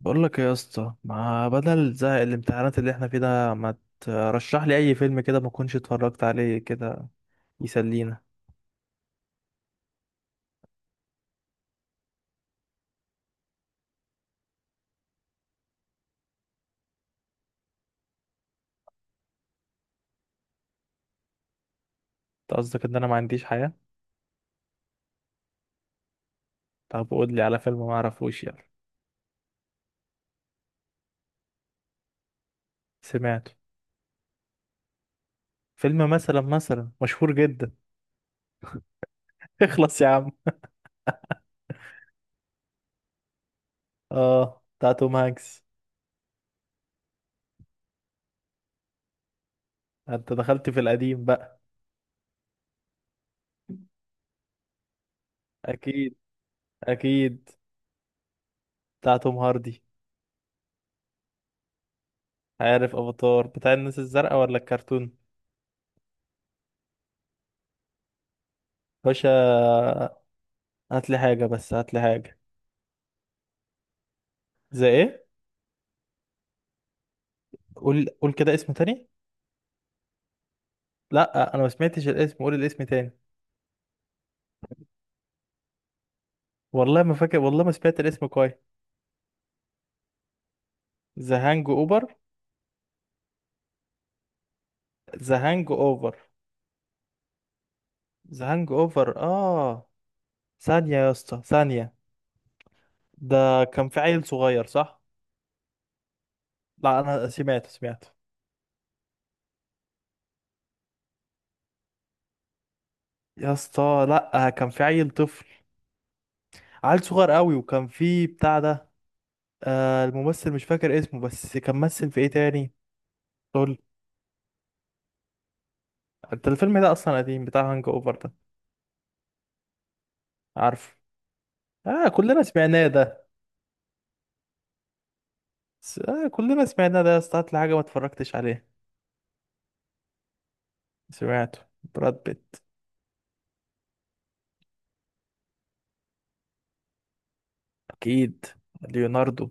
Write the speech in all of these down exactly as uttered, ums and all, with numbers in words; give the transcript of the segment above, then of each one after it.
بقول لك إيه يا اسطى، ما بدل زهق الامتحانات اللي احنا فيه ده ما ترشح لي اي فيلم كده ما كنتش اتفرجت عليه كده؟ يسلينا. انت قصدك ان انا ما عنديش حياة؟ طب قول لي على فيلم ما اعرفوش، يلا. سمعته. فيلم مثلا مثلا مشهور جدا. اخلص يا عم. اه، بتاع توم هانكس. انت دخلت في القديم بقى. اكيد اكيد بتاع توم هاردي. عارف افاتار بتاع الناس الزرقاء ولا الكرتون؟ باشا، هات لي حاجة بس، هات لي حاجة. زي ايه؟ قول قول كده اسم تاني. لا، انا ما سمعتش الاسم، قول الاسم تاني. والله ما فاكر، والله ما سمعت الاسم كويس. ذا هانج اوفر. ذا هانج اوفر. ذا هانج اوفر اه. ثانية يا اسطى، ثانية. ده كان في عيل صغير، صح؟ لا، انا سمعت سمعت. يا اسطى لا، كان في عيل طفل، عيل صغير قوي، وكان في بتاع ده. آه الممثل مش فاكر اسمه، بس كان مثل في ايه تاني؟ قول. انت الفيلم ده اصلا قديم بتاع هانج اوفر ده؟ عارفه. اه، كلنا سمعناه ده. س- آه كلنا سمعناه ده يا اسطى، هات لي حاجة ما اتفرجتش عليها. سمعته. براد بيت. اكيد. ليوناردو.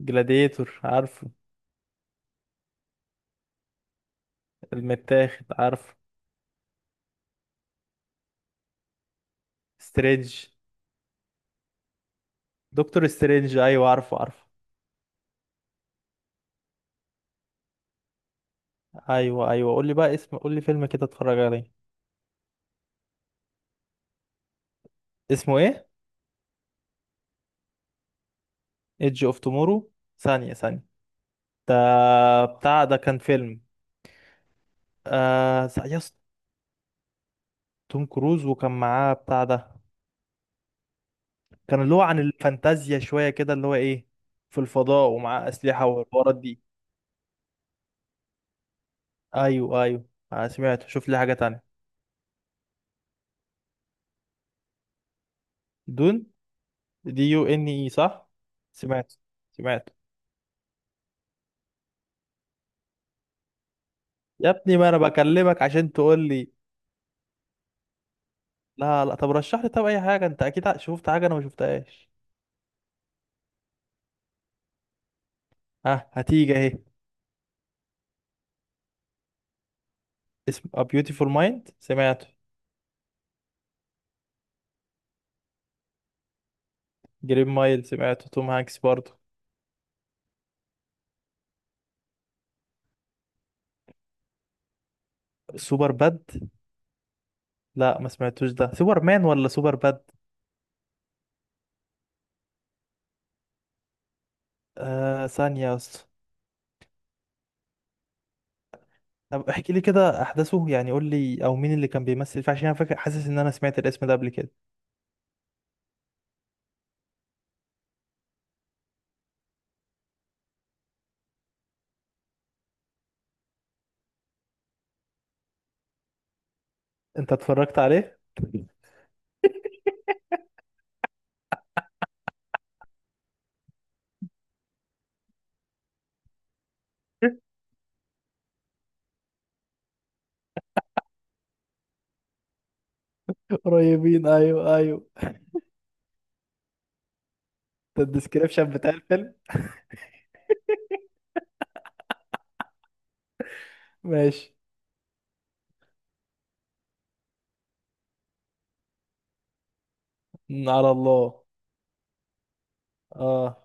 جلاديتور عارفه. المتاخد عارفه. سترينج. دكتور سترينج ايوه، عارفه عارفه. ايوه ايوه، قول لي بقى اسم، قول لي فيلم كده اتفرج عليه. اسمه ايه؟ ايدج اوف تومورو. ثانية ثانية. ده بتاع ده كان فيلم. آه س- يا اسطى، توم كروز، وكان معاه بتاع ده. كان اللي هو عن الفانتازيا شوية كده، اللي هو ايه، في الفضاء، ومعاه أسلحة والحوارات دي. ايوه ايوه. انا سمعت، شوف لي حاجة تانية. دون. دي يو ان اي، صح؟ سمعت سمعت. يا ابني ما انا بكلمك عشان تقول لي. لا لا، طب رشح لي طب، اي حاجه انت اكيد ع- شفت حاجه انا ما شفتهاش. ها، هتيجي اهي. اسم A Beautiful Mind سمعته. جرين مايل سمعته، توم هانكس برضه. سوبر باد. لا ما سمعتوش ده، سوبر مان ولا سوبر باد؟ آه ثانيه يا اسطى. طب احكي لي كده احداثه يعني، قول لي او مين اللي كان بيمثل فيه، عشان انا فاكر حاسس ان انا سمعت الاسم ده قبل كده. انت اتفرجت عليه؟ قريبين، ايوه ايوه. ده الديسكريبشن بتاع الفيلم. ماشي. مم، على الله. اه.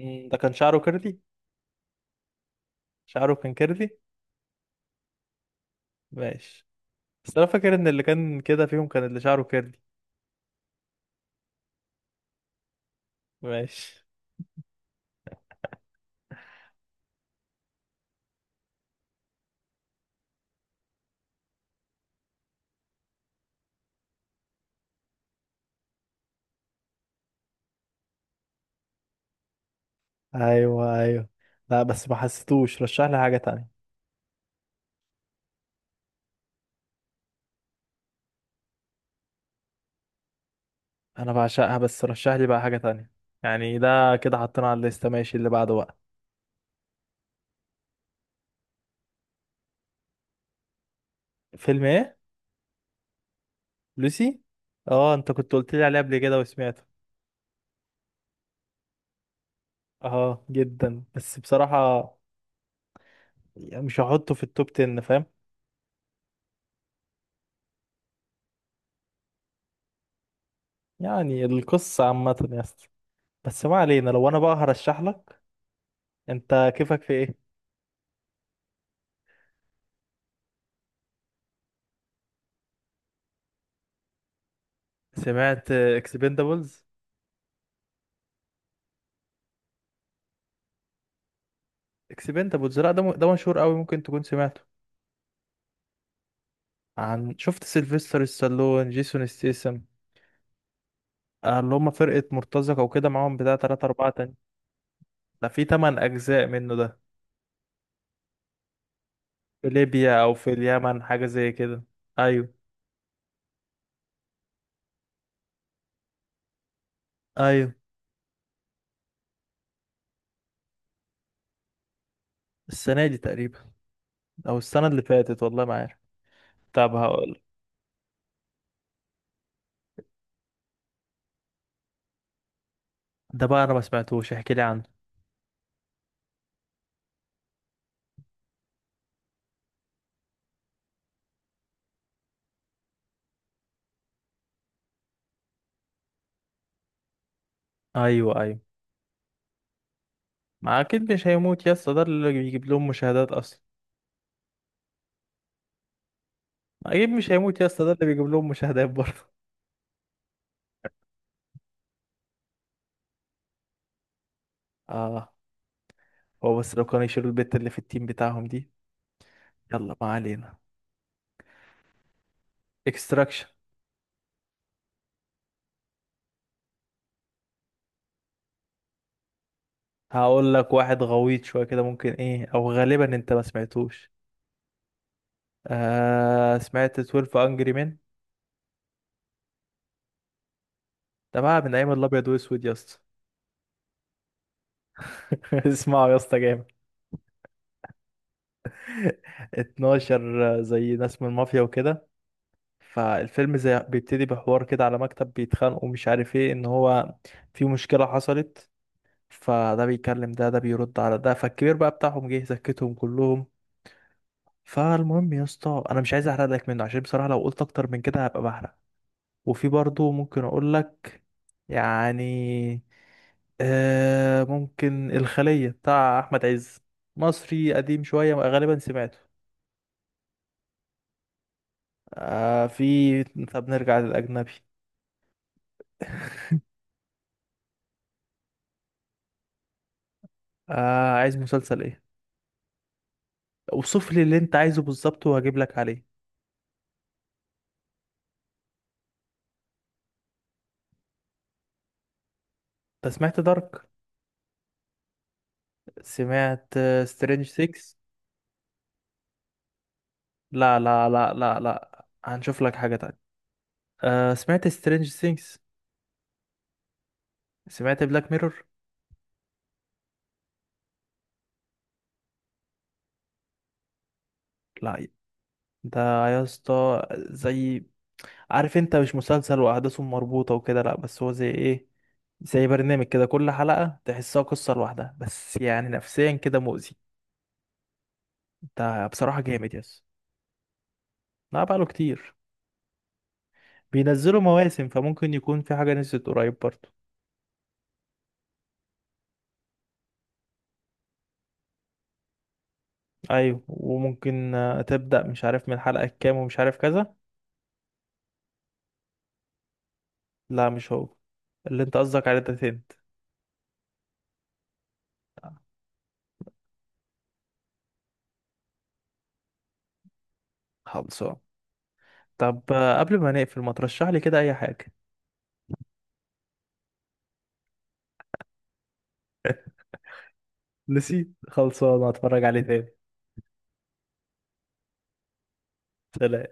مم، ده كان شعره كيرلي. شعره كان كيرلي. ماشي. بس انا فاكر ان اللي كان كده فيهم كان اللي شعره كيرلي. ماشي. ايوه ايوه. لا بس ما حسيتوش، رشح لي حاجة تانية. انا بعشقها، بس رشح لي بقى حاجة تانية. يعني ده كده حطينا على الليستة، ماشي، اللي بعده بقى. فيلم ايه؟ لوسي. اه، انت كنت قلت لي عليه قبل كده وسمعته. اه جدا، بس بصراحة يعني مش هحطه في التوب عشرة، فاهم. يعني القصة عامة يا اسطى. بس ما علينا، لو انا بقى هرشح لك، انت كيفك في ايه؟ سمعت اكسبندابلز؟ اكسبندابلز، لا ده م- ده مشهور قوي، ممكن تكون سمعته. عن، شفت سيلفستر ستالون، جيسون ستيسم، اللي هم فرقة مرتزقة وكده، معاهم بتاع تلاتة أربعة تاني. ده في تمن أجزاء منه ده. في ليبيا أو في اليمن حاجة زي كده. أيوه أيوه. السنة دي تقريبا أو السنة اللي فاتت، والله ما عارف. طب هقول. ده بقى أنا ما سمعتوش، احكي لي عنه. أيوه أيوه. ما أكيد مش هيموت يا اسطى، ده اللي بيجيب لهم مشاهدات أصلا. اكيد مش هيموت يا اسطى، ده اللي بيجيب لهم مشاهدات برضه. اه. هو بس لو كانوا يشيلوا البت اللي في التيم بتاعهم دي. يلا ما علينا. اكستراكشن. هقول لك واحد غويط شويه كده، ممكن ايه او غالبا انت ما سمعتوش. آه سمعت اتناشر انجري مان؟ ده بقى من ايام الابيض واسود يا اسطى. اسمعوا يا اسطى، جامد. اتناشر زي ناس من المافيا وكده. فالفيلم زي بيبتدي بحوار كده على مكتب، بيتخانقوا ومش عارف ايه، ان هو في مشكله حصلت، فده بيكلم ده، ده بيرد على ده، فالكبير بقى بتاعهم جه زكتهم كلهم. فالمهم يا اسطى انا مش عايز احرق لك منه، عشان بصراحة لو قلت اكتر من كده هبقى بحرق. وفي برضه ممكن اقول لك، يعني، آه ممكن الخلية بتاع احمد عز، مصري قديم شوية، غالبا سمعته. آه في، طب نرجع للاجنبي. آه عايز مسلسل ايه؟ اوصف لي اللي انت عايزه بالظبط وهجيب لك عليه. انت سمعت دارك؟ سمعت. سترينج ستة؟ لا لا لا لا لا، هنشوف لك حاجة تانية. أه سمعت سترينج ثينجز؟ سمعت بلاك ميرور؟ لا ده يا اسطى زي، عارف انت مش مسلسل واحداثه مربوطة وكده، لا بس هو زي ايه، زي برنامج كده، كل حلقة تحسها قصة لوحدها، بس يعني نفسيا كده مؤذي. ده بصراحة جامد، يس. لا، بقاله كتير. بينزلوا مواسم فممكن يكون في حاجة نزلت قريب برضه. ايوه، وممكن آه، تبدأ مش عارف من الحلقة الكام ومش عارف كذا. لا مش هو، اللي انت قصدك عليه ده تاني. خلصان. طب آه، قبل ما نقفل ما ترشح لي كده اي حاجة. نسيت، خلصان، هتفرج عليه تاني. سلام.